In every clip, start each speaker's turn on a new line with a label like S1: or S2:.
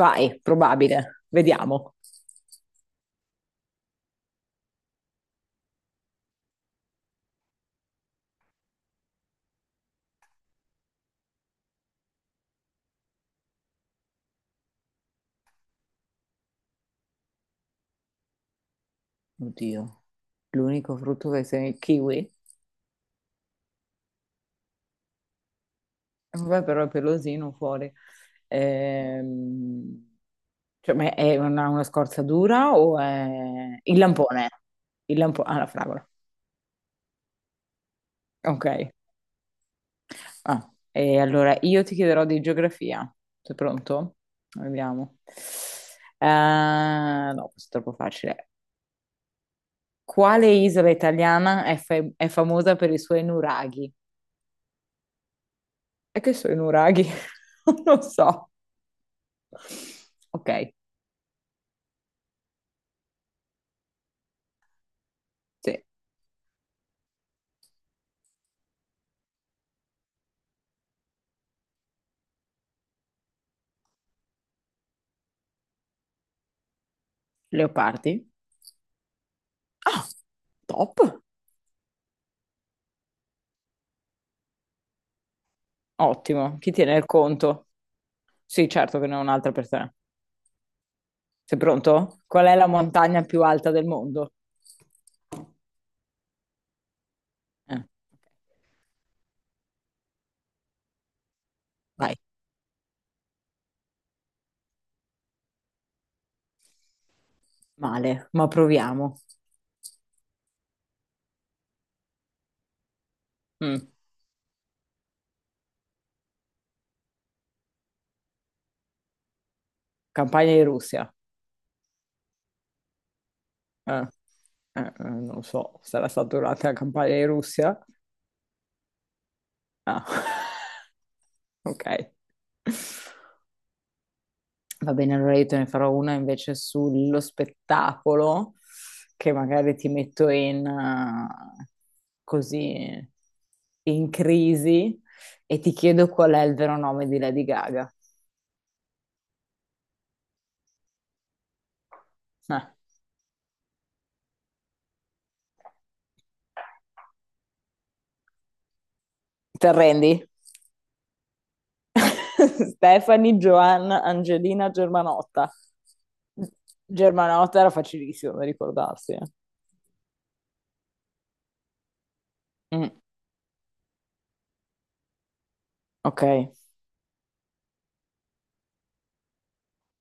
S1: Vai, probabile. Vediamo. Oddio, l'unico frutto che sei il kiwi? Vabbè, però è pelosino fuori. Ehm, cioè, ma è una scorza dura o è il lampone. Il lampone. Ah, la fragola. Ok. Ah, e allora io ti chiederò di geografia. Sei pronto? Vediamo. Eh, no, questo è troppo facile. Quale isola italiana è, è famosa per i suoi nuraghi? È che sono i nuraghi, non lo so. Ok, sì. Leopardi. Ah, top. Ottimo. Chi tiene il conto? Sì, certo che ne ho un'altra per te. Sei pronto? Qual è la montagna più alta del mondo? Eh, ok. Vai, male, ma proviamo. Mm, campagna di Russia. Eh, non lo so, sarà stata durante la campagna di Russia? Ah, ok. Va bene, allora io te ne farò una invece sullo spettacolo, che magari ti metto così in crisi e ti chiedo qual è il vero nome di Lady Gaga. Eh, ti arrendi? Stephanie Joanna Angelina Germanotta. Germanotta era facilissimo da ricordarsi, eh. Mm, ok.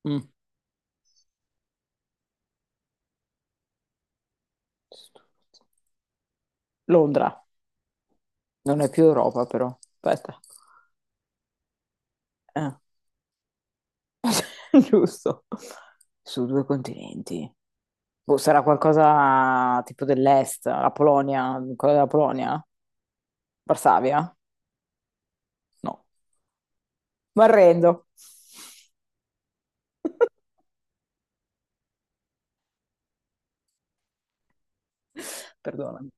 S1: Mm. Londra. Non è più Europa, però. Aspetta. Eh. Giusto. Su due continenti. Boh, sarà qualcosa tipo dell'est, la Polonia, quella della Polonia? Varsavia? No. Mi arrendo. Perdonami.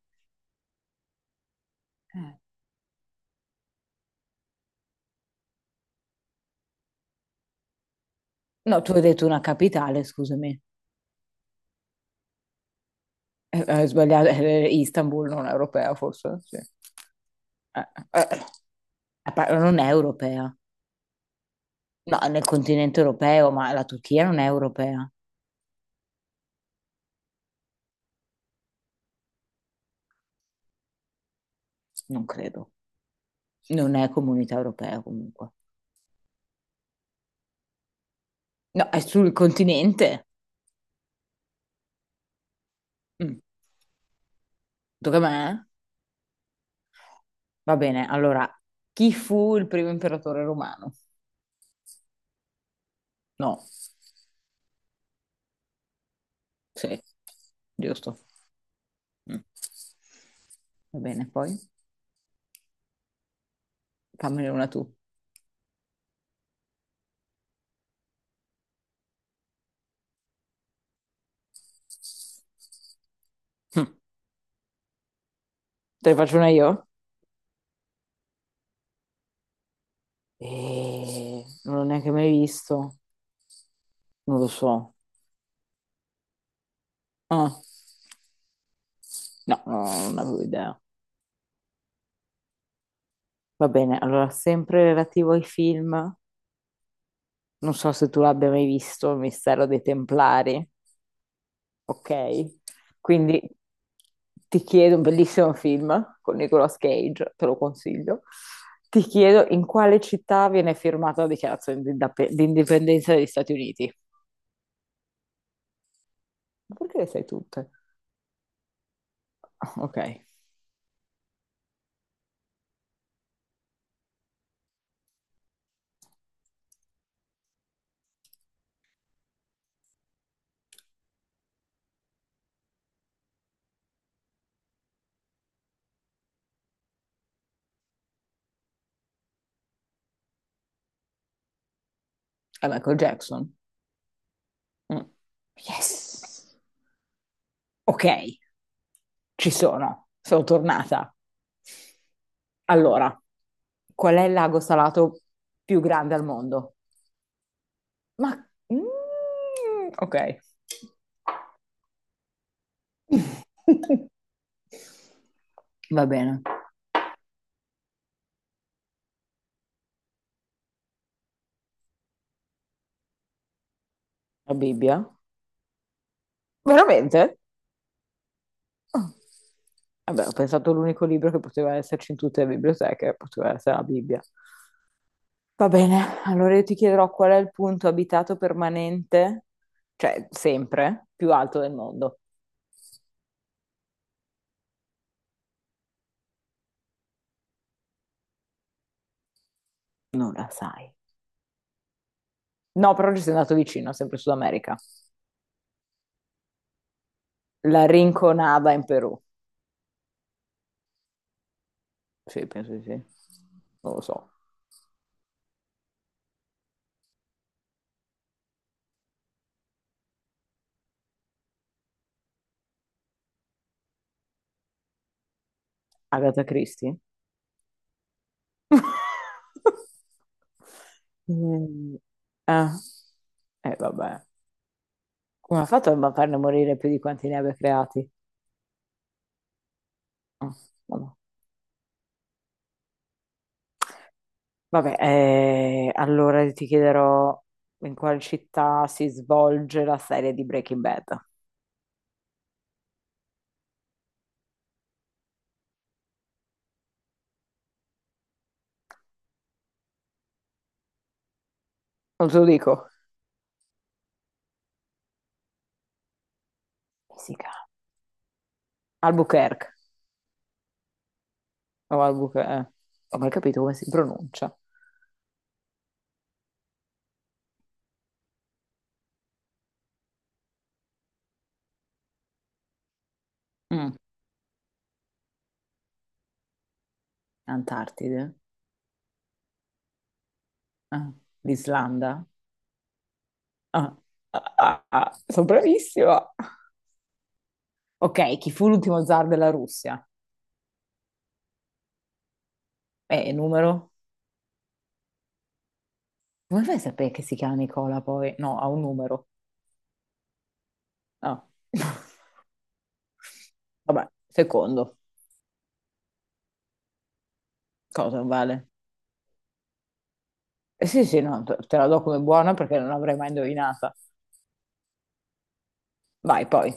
S1: Eh. No, tu hai detto una capitale, scusami. Hai sbagliato, Istanbul non è europea forse? Sì. Non è europea. No, è nel continente europeo, ma la Turchia non è europea, non credo. Non è comunità europea comunque. No, è sul continente. Mm. Tocca a me? Va bene, allora, chi fu il primo imperatore romano? No, sì, giusto. Mm. Va bene, poi fammene una tu. Mm. Te ne faccio una io? Non l'ho neanche mai visto. Non lo so. Ah, no, no, non avevo idea. Va bene, allora, sempre relativo ai film, non so se tu l'abbia mai visto, Il mistero dei Templari. Ok? Quindi ti chiedo, un bellissimo film con Nicolas Cage, te lo consiglio. Ti chiedo in quale città viene firmata la dichiarazione di indipendenza degli Stati Uniti? Ma perché le sai tutte? Ah, ok, è Michael Jackson. Mm. Yes! Ok, ci sono, sono tornata. Allora, qual è il lago salato più grande al mondo? Ma mm, ok. Va bene. La Bibbia? Veramente? Ah. Vabbè, ho pensato l'unico libro che poteva esserci in tutte le biblioteche, poteva essere la Bibbia. Va bene, allora io ti chiederò qual è il punto abitato permanente, cioè sempre, più alto del mondo. Non la sai. No, però ci sei andato vicino, sempre Sud America. La Rinconada in Perù. Sì, penso di sì. Non lo so. Agatha Christie? Mm, Ah, vabbè. Come ha fatto a farne morire più di quanti ne abbia creati? Ah, vabbè, Vabbè, allora ti chiederò in quale città si svolge la serie di Breaking Bad. Non te lo dico. Messica. Albuquerque. O Albuquerque, eh. Ho mai capito come si pronuncia. Mm, Antartide. Ah, l'Islanda. Ah, ah, ah, ah, sono bravissima. Ok, chi fu l'ultimo zar della Russia? Numero? Come fai a sapere che si chiama Nicola poi? No, ha un numero. No. Vabbè, secondo. Cosa vale? Eh sì, sì, no, te la do come buona perché non l'avrei mai indovinata. Vai, poi.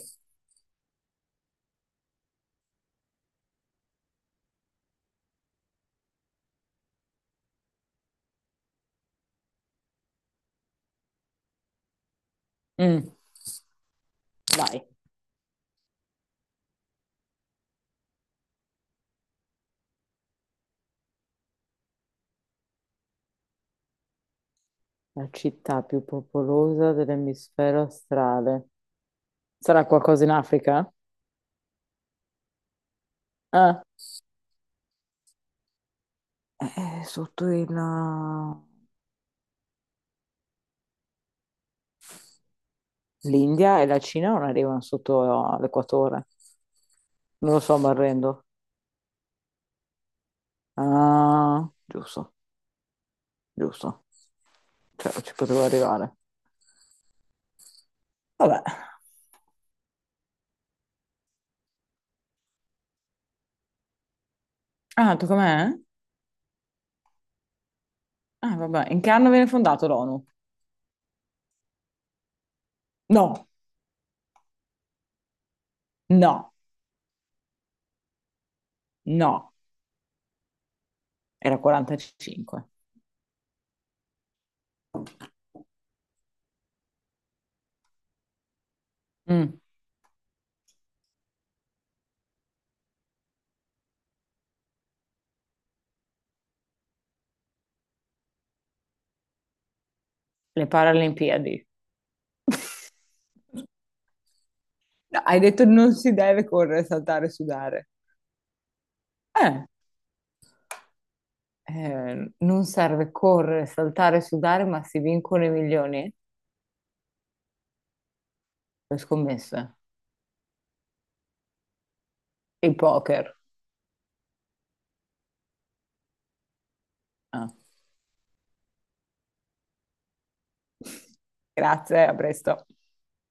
S1: Mm, vai. La città più popolosa dell'emisfero australe. Sarà qualcosa in Africa? Ah. Sotto il l'India e la Cina non arrivano sotto l'equatore. Non lo so, mi arrendo. Ah, giusto, giusto. Cioè, ci potevo arrivare. Vabbè. Ah, tu com'è? Ah, vabbè. In che anno viene fondato l'ONU? No, no, no. Era 45. Mm. Le Paralimpiadi. No, hai detto non si deve correre, saltare, sudare. Eh, non serve correre, saltare, sudare, ma si vincono i milioni? Le scommesse. Il poker. Ah. Grazie, a presto.